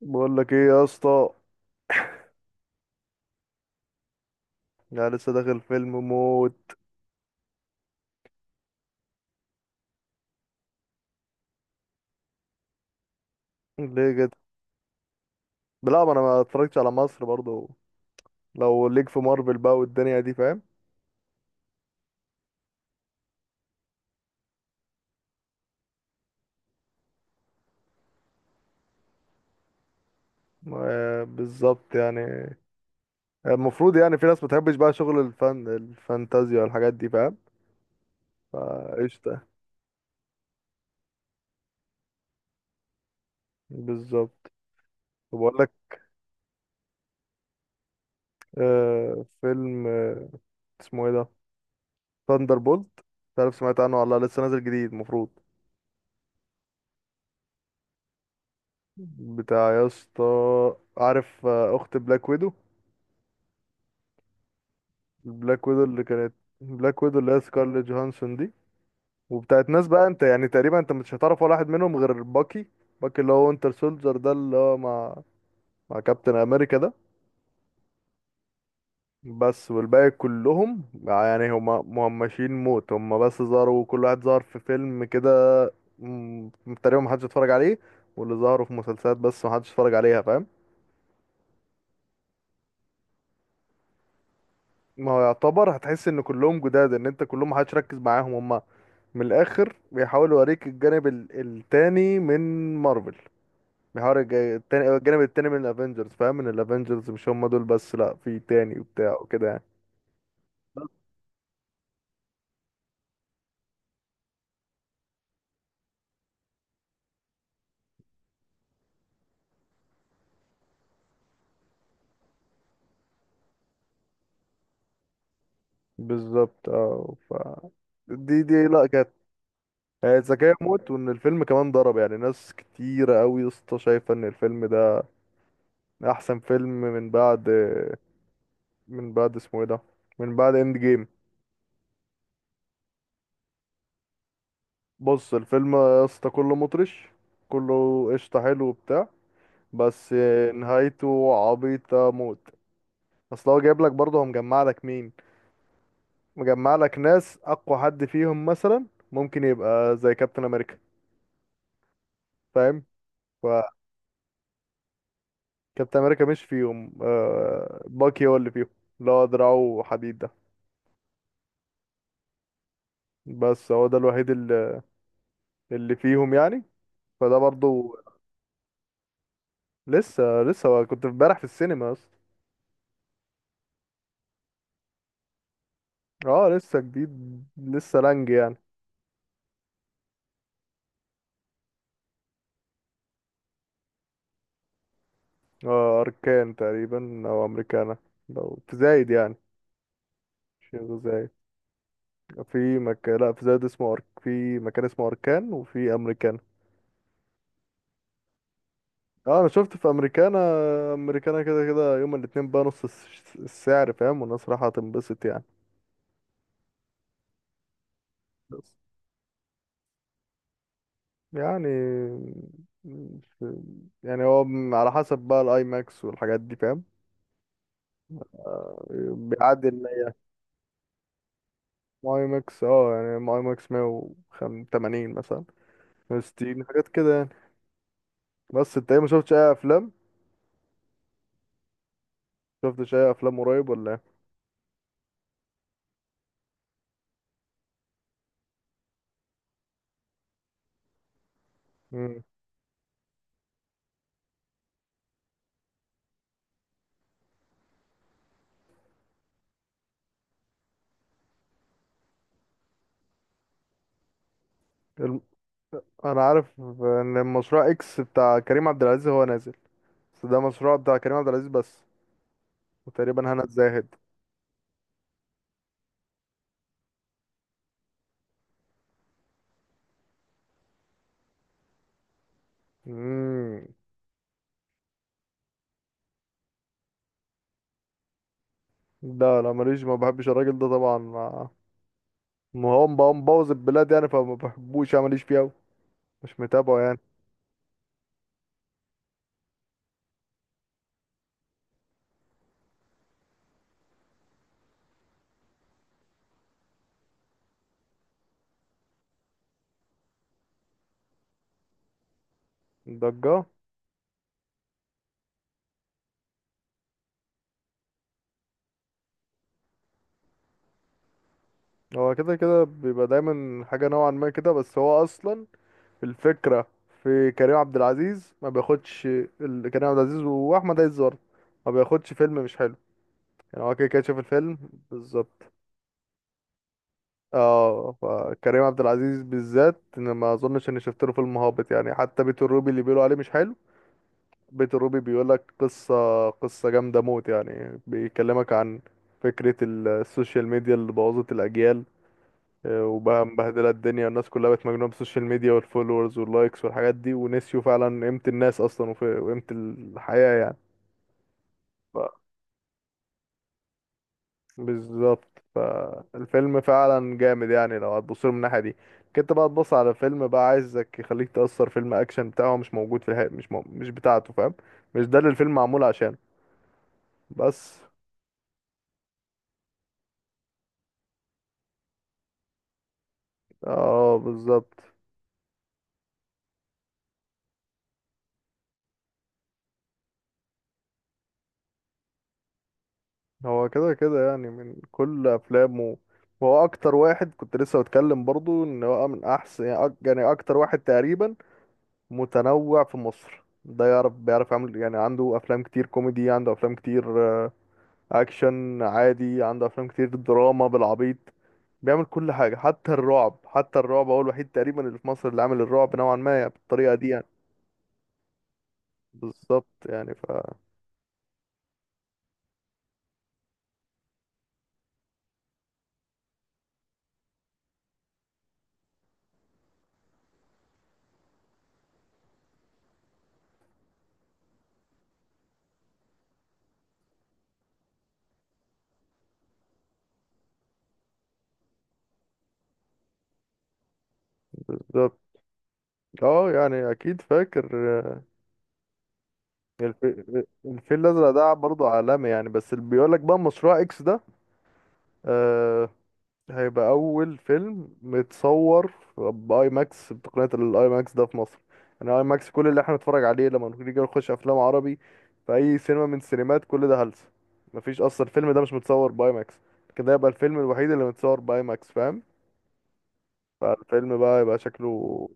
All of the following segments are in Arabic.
بقول لك ايه يا اسطى؟ يعني لسه داخل فيلم موت. ليه كده؟ لا، ما انا ما اتفرجتش على مصر برضو. لو ليك في مارفل بقى والدنيا دي، فاهم؟ آه، بالظبط يعني. المفروض يعني في ناس ما بتحبش بقى شغل الفن، الفانتازيا والحاجات دي، فاهم؟ فقشطة. بالظبط. وبقول لك، آه، فيلم، اسمه ايه ده؟ ثاندر بولت، مش عارف سمعت عنه ولا لأ، لسه نازل جديد المفروض. بتاع، يا اسطى، عارف، آه، اخت بلاك ويدو. بلاك ويدو اللي كانت، بلاك ويدو اللي هي سكارليت جوهانسون دي. وبتاعت ناس بقى انت يعني تقريبا انت مش هتعرف ولا واحد منهم غير باكي. باكي اللي هو وينتر سولجر ده، اللي هو مع، مع كابتن امريكا ده. بس والباقي كلهم يعني هما مهمشين موت، هما بس ظهروا كل واحد ظهر في فيلم كده. م- تقريبا محدش اتفرج عليه. واللي ظهروا في مسلسلات بس محدش اتفرج عليها، فاهم؟ ما هو يعتبر هتحس ان كلهم جداد، ان انت كلهم محدش ركز معاهم هم. من الاخر بيحاول يوريك الجانب التاني من مارفل. بيحاول التاني، الجانب التاني من الافنجرز، فاهم؟ من الافنجرز مش هم دول بس، لا في تاني وبتاع وكده يعني. بالظبط. اه ف دي لا كانت. هي ذكية موت، وان الفيلم كمان ضرب، يعني ناس كتيرة قوي يا اسطى شايفة ان الفيلم ده احسن فيلم من بعد، من بعد اسمه ايه ده، من بعد اند جيم. بص الفيلم يا اسطى كله مطرش، كله قشطة حلو وبتاع. بس نهايته عبيطة موت. اصل هو جايب لك برضه، هو مجمع لك مين؟ مجمع لك ناس اقوى حد فيهم مثلا ممكن يبقى زي كابتن امريكا، فاهم؟ فكابتن امريكا مش فيهم، آه، باكي هو اللي فيهم، اللي هو دراعه حديد ده. بس هو ده الوحيد اللي، اللي فيهم يعني. فده برضه، لسه، لسه، هو كنت امبارح في السينما اصلا. اه لسه جديد، لسه لانج يعني. اه اركان تقريبا او امريكانا، لو تزايد يعني. شيء زايد. في مكان، لا في زايد اسمه في مكان اسمه اركان وفي امريكانا. اه انا شفت في امريكانا. امريكانا كده كده يوم الاتنين بقى نص السعر، فاهم؟ والناس رايحة تنبسط يعني. بس يعني في- يعني هو على حسب بقى الاي ماكس والحاجات دي، فاهم؟ آه، بيعدي. الماي ماكس اه يعني ماي ماكس 180 مثلا، 160 حاجات كده يعني. بس انت ايه ما شفتش اي افلام؟ شفتش اي افلام قريب ولا ايه؟ مم. انا عارف ان المشروع اكس بتاع كريم عبد العزيز هو نازل. بس ده مشروع بتاع كريم عبد العزيز بس، وتقريبا هنا الزاهد. امم. لا لا ماليش، ما بحبش الراجل ده طبعا. ما ما هو مبوظ البلاد يعني، فما بحبوش يعني، ماليش فيه أوي، مش متابعه يعني. ضجه. هو كده كده بيبقى دايما حاجه نوعا ما كده، بس هو اصلا الفكره في كريم عبد العزيز ما بياخدش، كريم عبد العزيز واحمد عز برضه ما بياخدش فيلم مش حلو. يعني هو كده كده شاف الفيلم. بالظبط. اه فكريم عبد العزيز بالذات انا ما اظنش اني شفت له فيلم هابط يعني. حتى بيت الروبي اللي بيقولوا عليه مش حلو، بيت الروبي بيقول لك قصة، قصة جامدة موت، يعني بيكلمك عن فكرة السوشيال ميديا اللي بوظت الأجيال. آه، وبقى مبهدلة الدنيا، والناس كلها بقت مجنونة بالسوشيال ميديا والفولورز واللايكس والحاجات دي، ونسيوا فعلا قيمة الناس أصلا، وقيمة الحياة يعني. بالظبط. فالفيلم فعلا جامد يعني لو هتبص له من الناحيه دي. كنت بقى تبص على فيلم بقى عايزك يخليك تأثر، فيلم اكشن بتاعه مش موجود في الحقيقة، مش بتاعته، فاهم؟ مش ده اللي الفيلم معمول عشانه. بس اه بالظبط. هو كده كده يعني من كل افلامه، وهو اكتر واحد كنت لسه بتكلم برضو ان هو من احسن يعني يعني اكتر واحد تقريبا متنوع في مصر ده، يعرف، بيعرف يعمل يعني. عنده افلام كتير كوميدي، عنده افلام كتير اكشن عادي، عنده افلام كتير دراما بالعبيط. بيعمل كل حاجه، حتى الرعب. حتى الرعب هو الوحيد تقريبا اللي في مصر اللي عامل الرعب نوعا ما يعني بالطريقه دي يعني. بالظبط يعني ف. بالظبط اه يعني اكيد فاكر. آه، آه، الفيل الازرق ده برضه عالمي يعني. بس اللي بيقول لك بقى مشروع اكس ده، آه، هيبقى اول فيلم متصور باي ماكس، بتقنيه الاي ماكس ده، في مصر. يعني اي ماكس كل اللي احنا بنتفرج عليه لما نيجي نخش افلام عربي في اي سينما من السينمات كل ده هلس، مفيش اصلا. الفيلم ده مش متصور باي ماكس كده، يبقى الفيلم الوحيد اللي متصور باي ماكس، فاهم؟ فالفيلم بقى يبقى شكله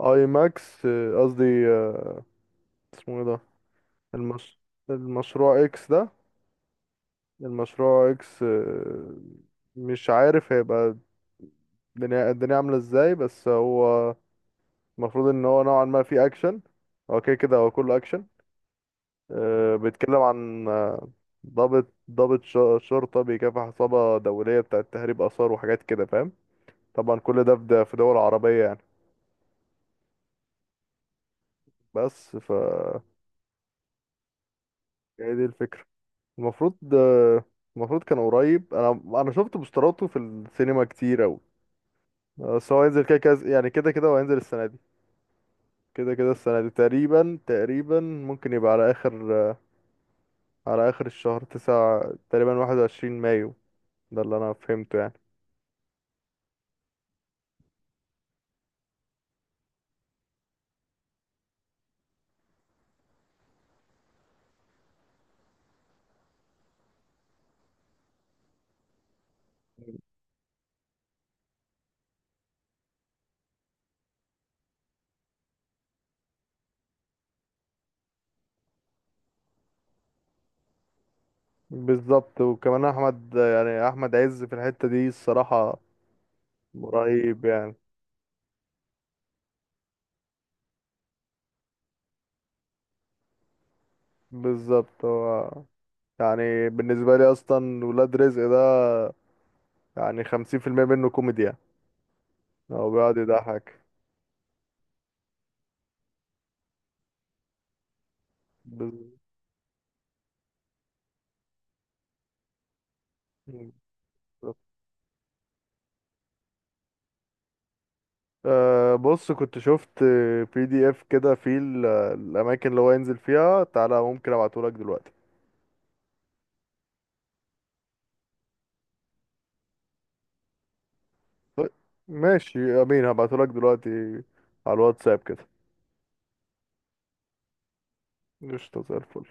اي ماكس، آه، قصدي، آه، اسمه ايه ده، المش... المشروع اكس ده، المشروع اكس، آه، مش عارف هيبقى الدنيا عاملة ازاي. بس هو المفروض ان هو نوعا ما فيه اكشن. هو كده كده هو كله اكشن. آه، بيتكلم عن، آه، ضابط، شرطة بيكافح عصابة دولية بتاعة تهريب آثار وحاجات كده، فاهم؟ طبعا كل ده في، في دول عربية يعني. بس ف، هي دي الفكرة. المفروض، آه، المفروض كان قريب. انا، انا شفت بوستراته في السينما كتير اوي. بس هو هينزل كده كده يعني، كده كده هو هينزل السنة دي. كده كده السنة دي تقريبا، تقريبا ممكن يبقى على آخر، آه، على آخر الشهر تسعة تقريبا، 21 مايو. ده اللي انا فهمته يعني. بالظبط وكمان احمد يعني احمد عز في الحتة دي الصراحة رهيب يعني. بالظبط. هو، يعني بالنسبة لي اصلا ولاد رزق ده، يعني 50% منه كوميديا. هو بيقعد يضحك. بز- بالظبط. أه بص كنت شفت بي دي اف كده فيه الاماكن اللي هو ينزل فيها، تعالى ممكن ابعتهولك دلوقتي. طيب، ماشي يا امين، هبعتهولك دلوقتي على الواتساب كده. قشطة زي الفل.